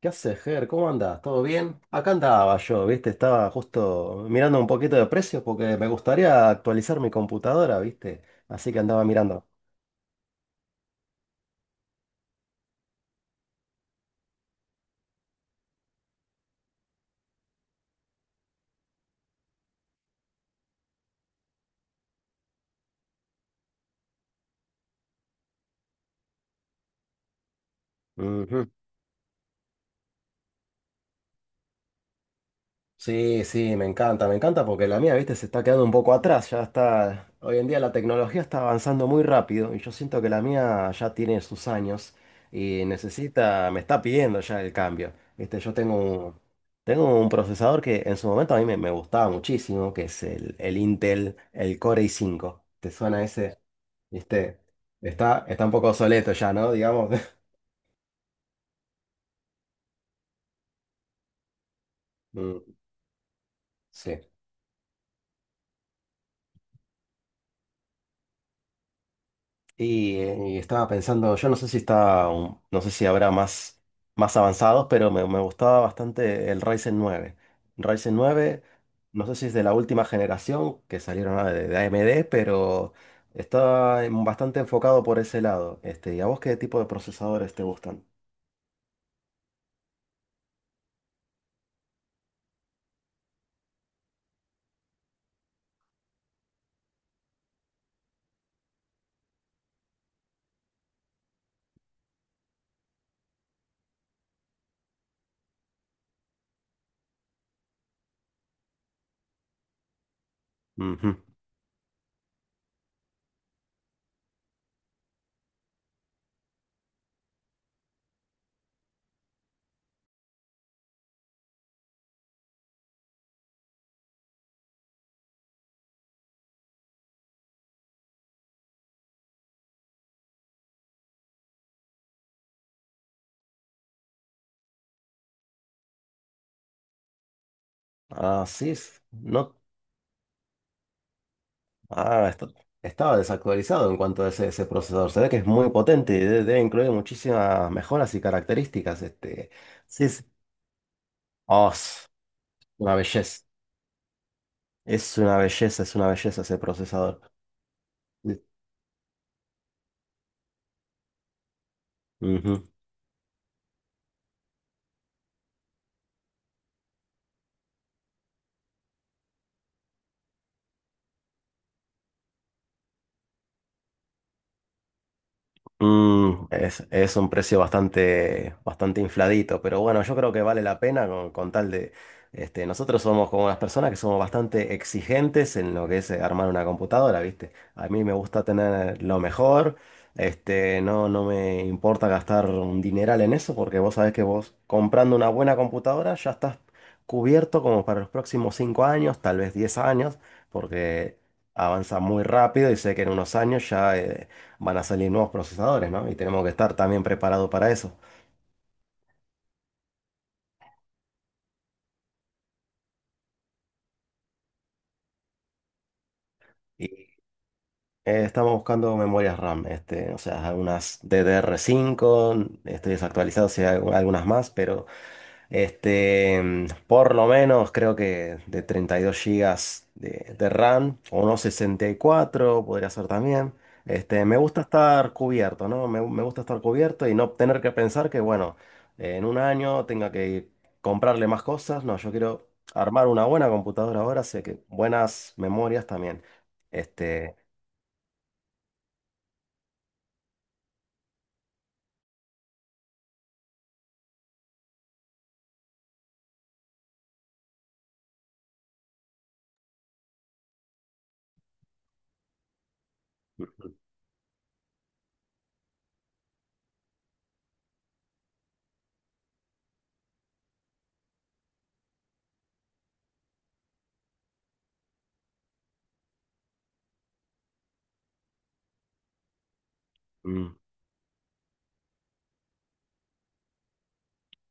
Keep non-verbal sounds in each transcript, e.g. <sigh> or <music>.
¿Qué haces, Ger? ¿Cómo andás? ¿Todo bien? Acá andaba yo, ¿viste? Estaba justo mirando un poquito de precios porque me gustaría actualizar mi computadora, ¿viste? Así que andaba mirando. Ujú. Sí, sí, me encanta porque la mía, viste, se está quedando un poco atrás, ya está. Hoy en día la tecnología está avanzando muy rápido y yo siento que la mía ya tiene sus años y necesita, me está pidiendo ya el cambio, viste. Yo tengo un procesador que en su momento a mí me gustaba muchísimo, que es el Intel, el Core i5, ¿te suena ese? Viste, está un poco obsoleto ya, ¿no? Digamos. <laughs> Mm, sí. Y estaba pensando, yo no sé si está, no sé si habrá más avanzados, pero me gustaba bastante el Ryzen 9. Ryzen nueve no sé si es de la última generación que salieron, de AMD, pero está bastante enfocado por ese lado. Este, ¿y a vos qué tipo de procesadores te gustan? Ujú. Ah, sí, no. Ah, estaba desactualizado en cuanto a ese, ese procesador. Se ve que es muy potente y debe incluir muchísimas mejoras y características. Este, sí. Oh, es una belleza. Es una belleza, es una belleza ese procesador. Mm. Ujú. Es un precio bastante, bastante infladito, pero bueno, yo creo que vale la pena con tal de. Este, nosotros somos como unas personas que somos bastante exigentes en lo que es, armar una computadora, ¿viste? A mí me gusta tener lo mejor. Este, no, no me importa gastar un dineral en eso, porque vos sabés que vos comprando una buena computadora ya estás cubierto como para los próximos 5 años, tal vez 10 años, porque avanza muy rápido y sé que en unos años ya, van a salir nuevos procesadores, ¿no? Y tenemos que estar también preparados para eso. Y estamos buscando memorias RAM, este, o sea, algunas DDR5, estoy desactualizado si hay algunas más, pero. Este, por lo menos creo que de 32 gigas de RAM o unos 64 podría ser también. Este, me gusta estar cubierto, ¿no? Me gusta estar cubierto y no tener que pensar que, bueno, en un año tenga que comprarle más cosas. No, yo quiero armar una buena computadora ahora, sé que buenas memorias también. Este, mm,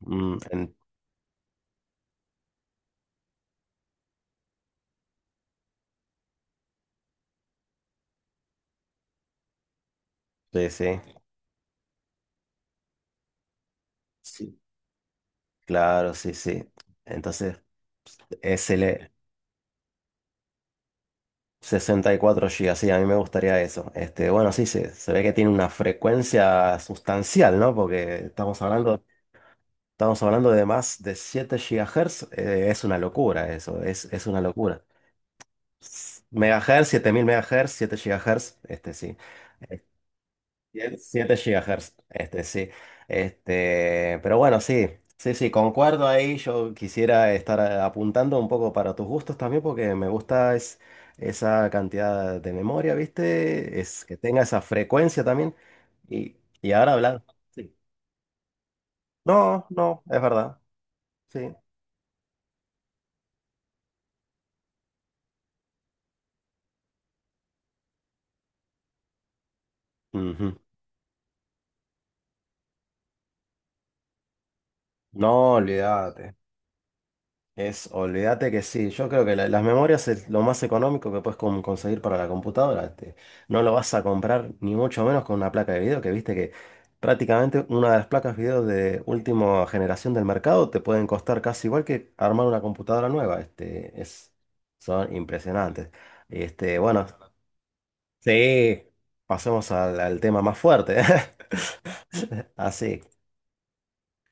mm, en- sí, sí, sí, claro, sí, sí. Entonces, es 64 gigas, sí, a mí me gustaría eso. Este, bueno, sí, se ve que tiene una frecuencia sustancial, ¿no? Porque estamos hablando de más de 7 GHz, es una locura eso, es una locura. Megahertz, 7000 MHz, 7 GHz, este sí, 7 GHz, este sí. Este, pero bueno, sí, sí, sí, concuerdo ahí. Yo quisiera estar, apuntando un poco para tus gustos también, porque me gusta, esa cantidad de memoria, ¿viste? Es que tenga esa frecuencia también. Y, y ahora hablar. Sí. No, no, es verdad. Sí. Ujú. No, olvídate. Olvídate que sí, yo creo que las memorias es lo más económico que puedes conseguir para la computadora. No lo vas a comprar ni mucho menos con una placa de video, que viste que prácticamente una de las placas video de última generación del mercado te pueden costar casi igual que armar una computadora nueva. Este, son impresionantes. Este, bueno, sí, pasemos al tema más fuerte. <laughs> Así.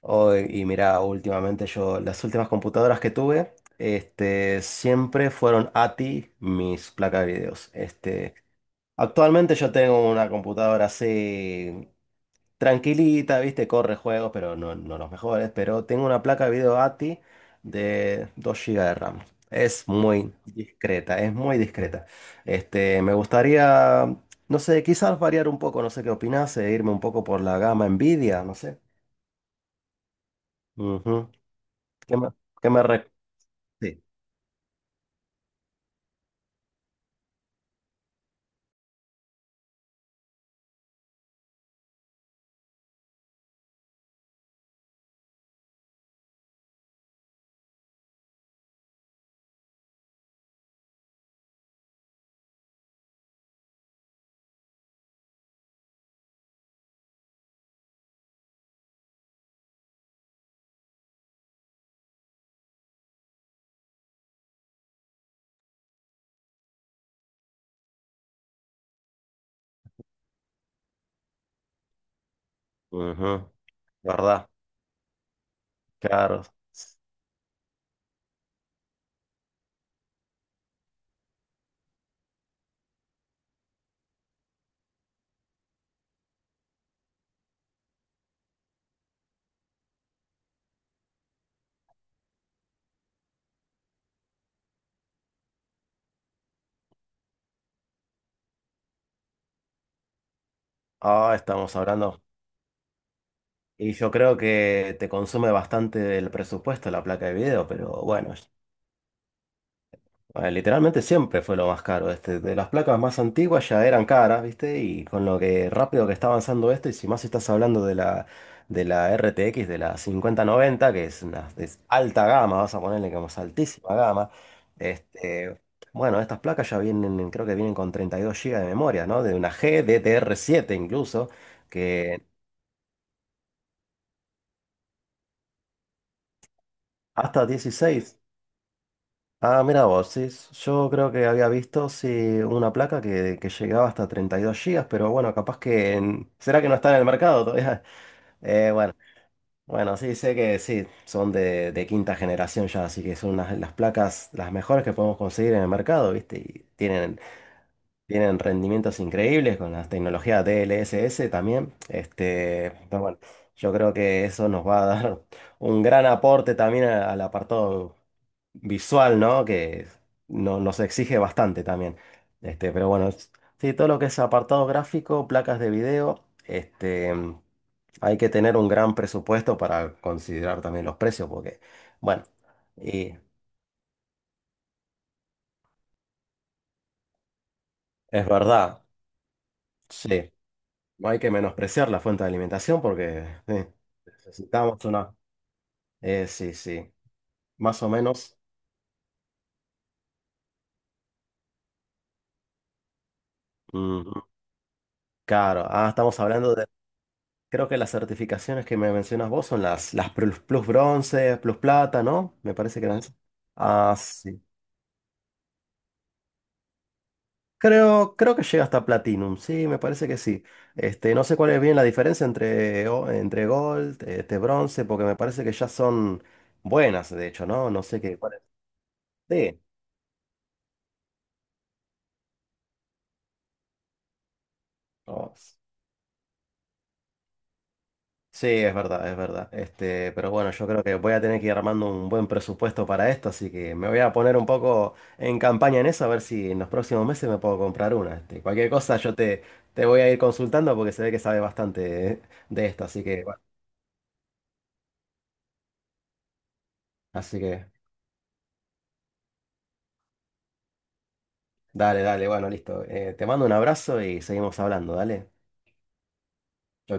Oh, y mira, últimamente las últimas computadoras que tuve, este, siempre fueron ATI mis placas de videos. Este, actualmente yo tengo una computadora así tranquilita, viste, corre juegos, pero no, no los mejores, pero tengo una placa de video ATI de 2 gigas de RAM. Es muy discreta, es muy discreta. Este, me gustaría, no sé, quizás variar un poco, no sé qué opinás, e irme un poco por la gama Nvidia, no sé. Ujú. ¿Qué me, qué me re- Sí. Ujú, ¿verdad? Claro. Ah, estamos hablando. Y yo creo que te consume bastante del presupuesto la placa de video, pero bueno. Ah, literalmente siempre fue lo más caro. Este, de las placas más antiguas ya eran caras, ¿viste? Y con lo que rápido que está avanzando esto, y si más estás hablando de la RTX, de la 5090 que es una de alta gama, vas a ponerle como es altísima gama. Este, bueno, estas placas ya vienen, creo que vienen con 32 GB de memoria, ¿no? De una G GDDR7 incluso, que hasta 16. Ah, mira vos, sí, yo creo que había visto sí, una placa que llegaba hasta 32 gigas, pero bueno, capaz que, ¿será que no está en el mercado todavía? <laughs> Bueno, bueno, sí, sé que sí, son de quinta generación ya, así que son las placas las mejores que podemos conseguir en el mercado, ¿viste? Y tienen rendimientos increíbles con las tecnologías DLSS también. Este, pero bueno, yo creo que eso nos va a dar un gran aporte también al apartado visual, ¿no? Que nos exige bastante también. Este, pero bueno, sí, todo lo que es apartado gráfico, placas de video, este, hay que tener un gran presupuesto para considerar también los precios, porque, bueno, y es verdad, sí. No hay que menospreciar la fuente de alimentación porque necesitamos una. Sí, sí, más o menos. Ujú. Claro, ah, estamos hablando de. Creo que las certificaciones que me mencionas vos son las plus, bronce, plus plata, ¿no? Me parece que eran esas. Ah, sí. Creo, creo que llega hasta platinum, sí, me parece que sí. Este, no sé cuál es bien la diferencia entre gold, este, bronce, porque me parece que ya son buenas, de hecho, ¿no? No sé qué, cuál es. Sí. Oh, sí, es verdad, es verdad. Este, pero bueno, yo creo que voy a tener que ir armando un buen presupuesto para esto, así que me voy a poner un poco en campaña en eso, a ver si en los próximos meses me puedo comprar una. Este, cualquier cosa yo te voy a ir consultando porque se ve que sabe bastante de esto, así que bueno, así que dale, dale, bueno, listo. Te mando un abrazo y seguimos hablando, dale. Chau,